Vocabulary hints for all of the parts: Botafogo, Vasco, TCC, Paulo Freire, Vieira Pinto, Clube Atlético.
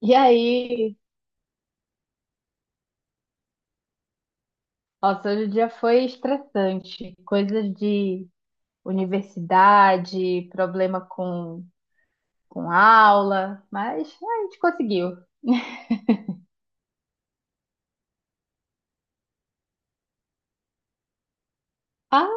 E aí, nossa, hoje o dia foi estressante. Coisas de universidade, problema com aula, mas a gente conseguiu. Ah,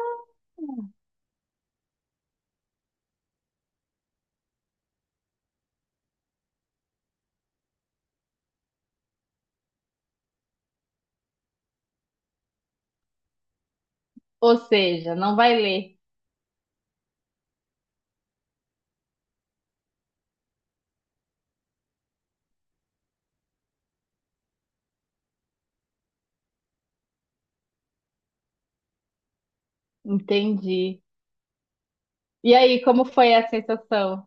ou seja, não vai ler. Entendi. E aí, como foi a sensação?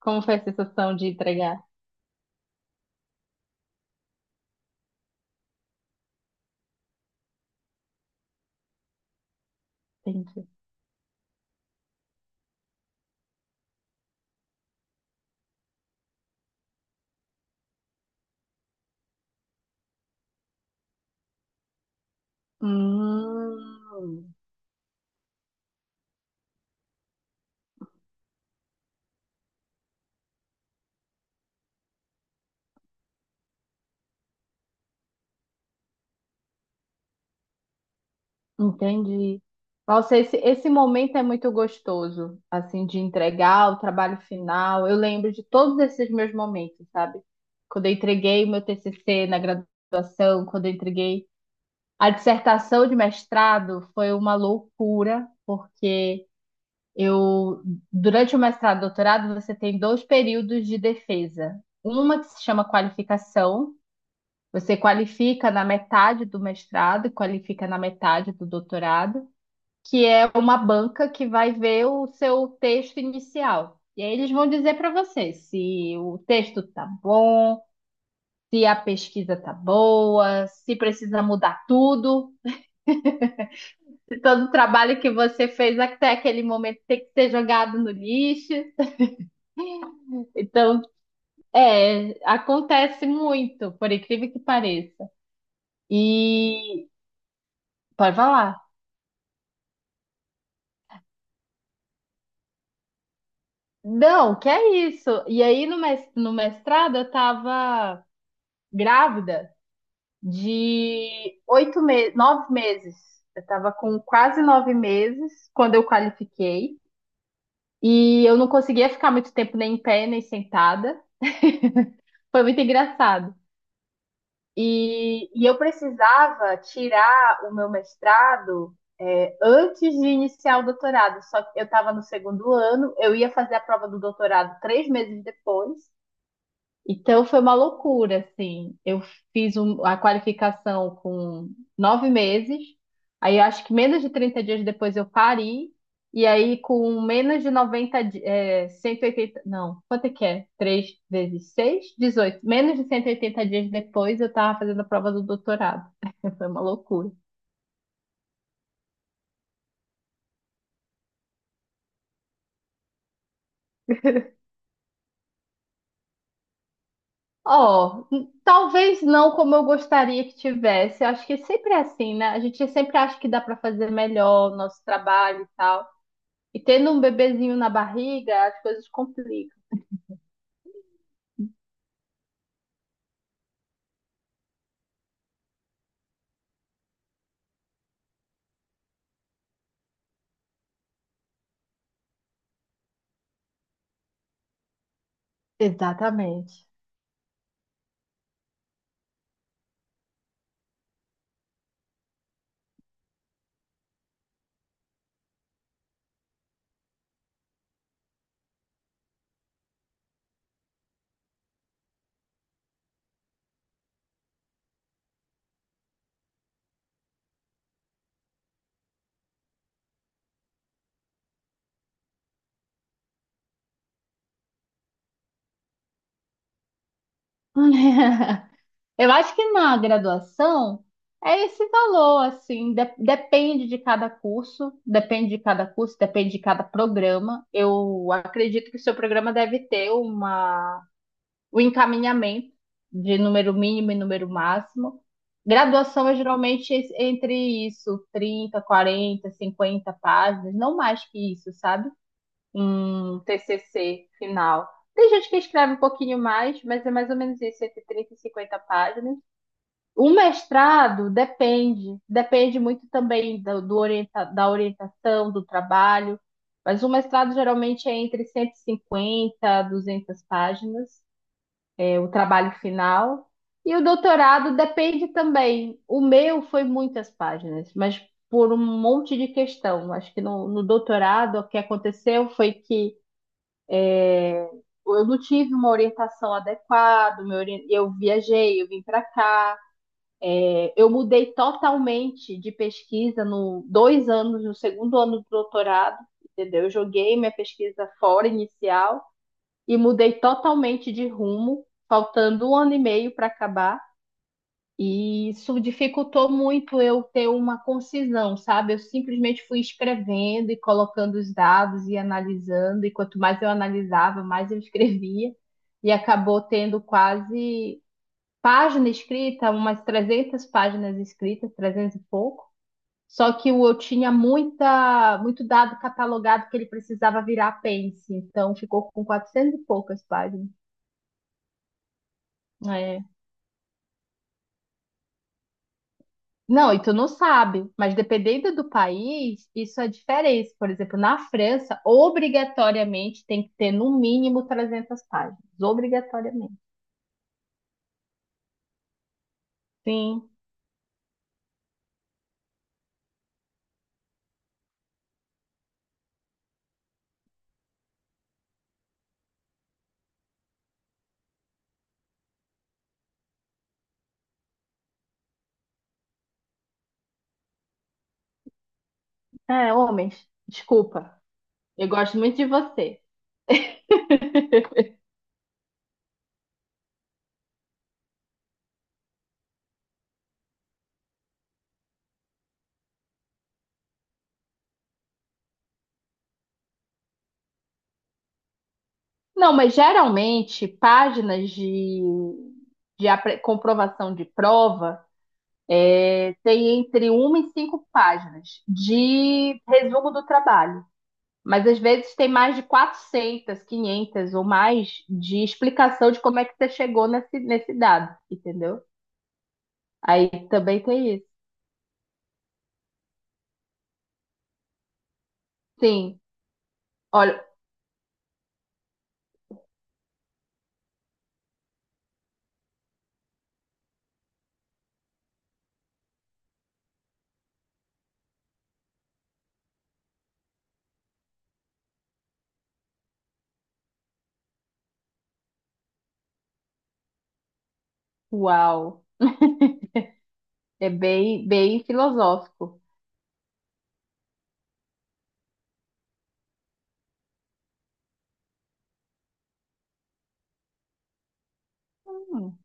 Como foi a sensação de entregar? Entendi. Hum. Entendi. Nossa, esse momento é muito gostoso, assim, de entregar o trabalho final. Eu lembro de todos esses meus momentos, sabe? Quando eu entreguei o meu TCC na graduação, quando eu entreguei a dissertação de mestrado, foi uma loucura, porque eu, durante o mestrado e doutorado, você tem dois períodos de defesa. Uma que se chama qualificação, você qualifica na metade do mestrado e qualifica na metade do doutorado que é uma banca que vai ver o seu texto inicial. E aí eles vão dizer para você se o texto tá bom, se a pesquisa tá boa, se precisa mudar tudo, se todo o trabalho que você fez até aquele momento tem que ser jogado no lixo. Então, acontece muito, por incrível que pareça. E pode falar. Não, que é isso. E aí no mestrado eu estava grávida de 8 meses, 9 meses. Eu estava com quase 9 meses quando eu qualifiquei. E eu não conseguia ficar muito tempo nem em pé, nem sentada. Foi muito engraçado. E, eu precisava tirar o meu mestrado antes de iniciar o doutorado. Só que eu estava no segundo ano, eu ia fazer a prova do doutorado 3 meses depois. Então foi uma loucura, assim. Eu a qualificação com 9 meses, aí eu acho que menos de 30 dias depois eu parei, e aí com menos de 90, 180, não, quanto é que é? 3 vezes 6, 18. Menos de 180 dias depois eu estava fazendo a prova do doutorado. Foi uma loucura. Ó, talvez não como eu gostaria que tivesse. Eu acho que sempre é assim, né? A gente sempre acha que dá para fazer melhor o nosso trabalho e tal. E tendo um bebezinho na barriga, as coisas complicam. Exatamente. Eu acho que na graduação é esse valor, assim, depende de cada curso, depende de cada curso, depende de cada programa. Eu acredito que o seu programa deve ter uma, um encaminhamento de número mínimo e número máximo. Graduação é geralmente entre isso, 30, 40, 50 páginas, não mais que isso, sabe? Um TCC final. Tem gente que escreve um pouquinho mais, mas é mais ou menos isso, entre 30 e 50 páginas. O mestrado depende, depende muito também do, da orientação, do trabalho, mas o mestrado geralmente é entre 150 a 200 páginas, é o trabalho final. E o doutorado depende também. O meu foi muitas páginas, mas por um monte de questão. Acho que no doutorado o que aconteceu foi que eu não tive uma orientação adequada, eu viajei, eu vim para cá. Eu mudei totalmente de pesquisa no segundo ano do doutorado, entendeu? Eu joguei minha pesquisa fora inicial e mudei totalmente de rumo, faltando um ano e meio para acabar. E isso dificultou muito eu ter uma concisão, sabe? Eu simplesmente fui escrevendo e colocando os dados e analisando, e quanto mais eu analisava, mais eu escrevia, e acabou tendo quase página escrita, umas 300 páginas escritas, 300 e pouco. Só que o eu tinha muita, muito dado catalogado que ele precisava virar apêndice, então ficou com 400 e poucas páginas. É. Não, e tu não sabe, mas dependendo do país, isso é diferente. Por exemplo, na França, obrigatoriamente tem que ter no mínimo 300 páginas, obrigatoriamente. Sim, é, homens, desculpa, eu gosto muito de você. Não, mas geralmente páginas de, comprovação de prova tem entre uma e cinco páginas de resumo do trabalho. Mas às vezes tem mais de 400, 500 ou mais de explicação de como é que você chegou nesse dado, entendeu? Aí também tem isso. Sim, olha, uau, é bem, bem filosófico. Hum.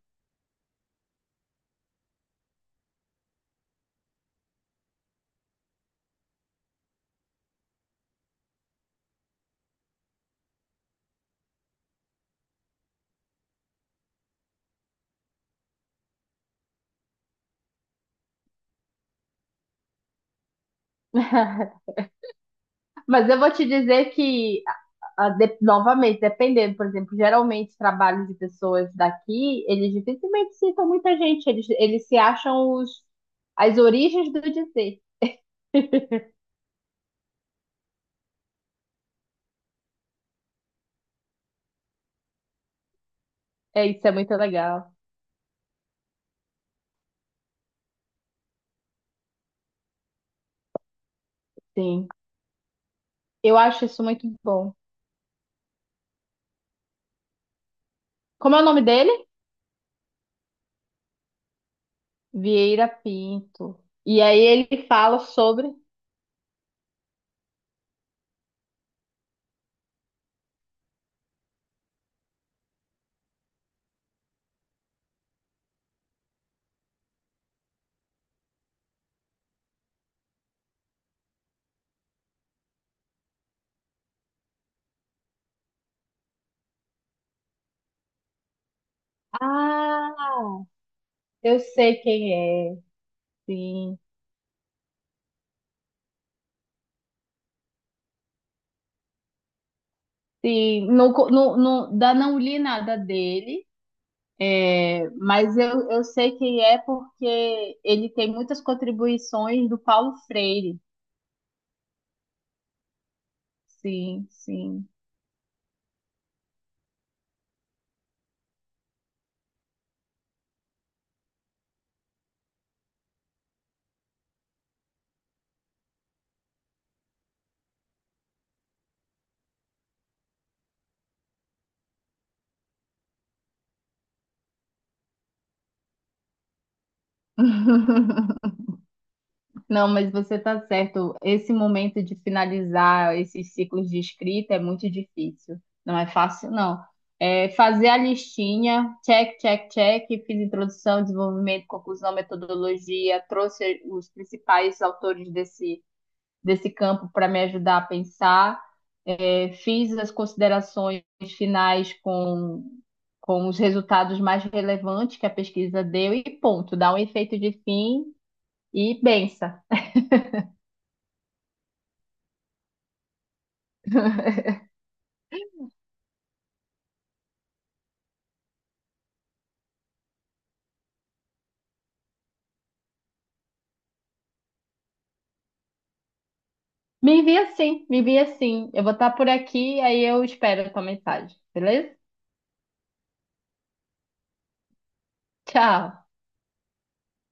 Mas eu vou te dizer que Ah, novamente, dependendo, por exemplo, geralmente trabalho de pessoas daqui, eles dificilmente citam muita gente, eles se acham os, as origens do dizer. É, isso é muito legal, sim. Eu acho isso muito bom. Como é o nome dele? Vieira Pinto. E aí ele fala sobre. Ah, eu sei quem é, sim. Sim, não, não, não, da, não li nada dele. Mas eu sei quem é porque ele tem muitas contribuições do Paulo Freire. Sim, sim. Não, mas você está certo. Esse momento de finalizar esses ciclos de escrita é muito difícil. Não é fácil, não. É fazer a listinha, check, check, check, fiz introdução, desenvolvimento, conclusão, metodologia, trouxe os principais autores desse campo para me ajudar a pensar. É, fiz as considerações finais com os resultados mais relevantes que a pesquisa deu e ponto, dá um efeito de fim e bença. Me envia sim, me envia sim. Eu vou estar por aqui, aí eu espero a tua mensagem, beleza? Tchau!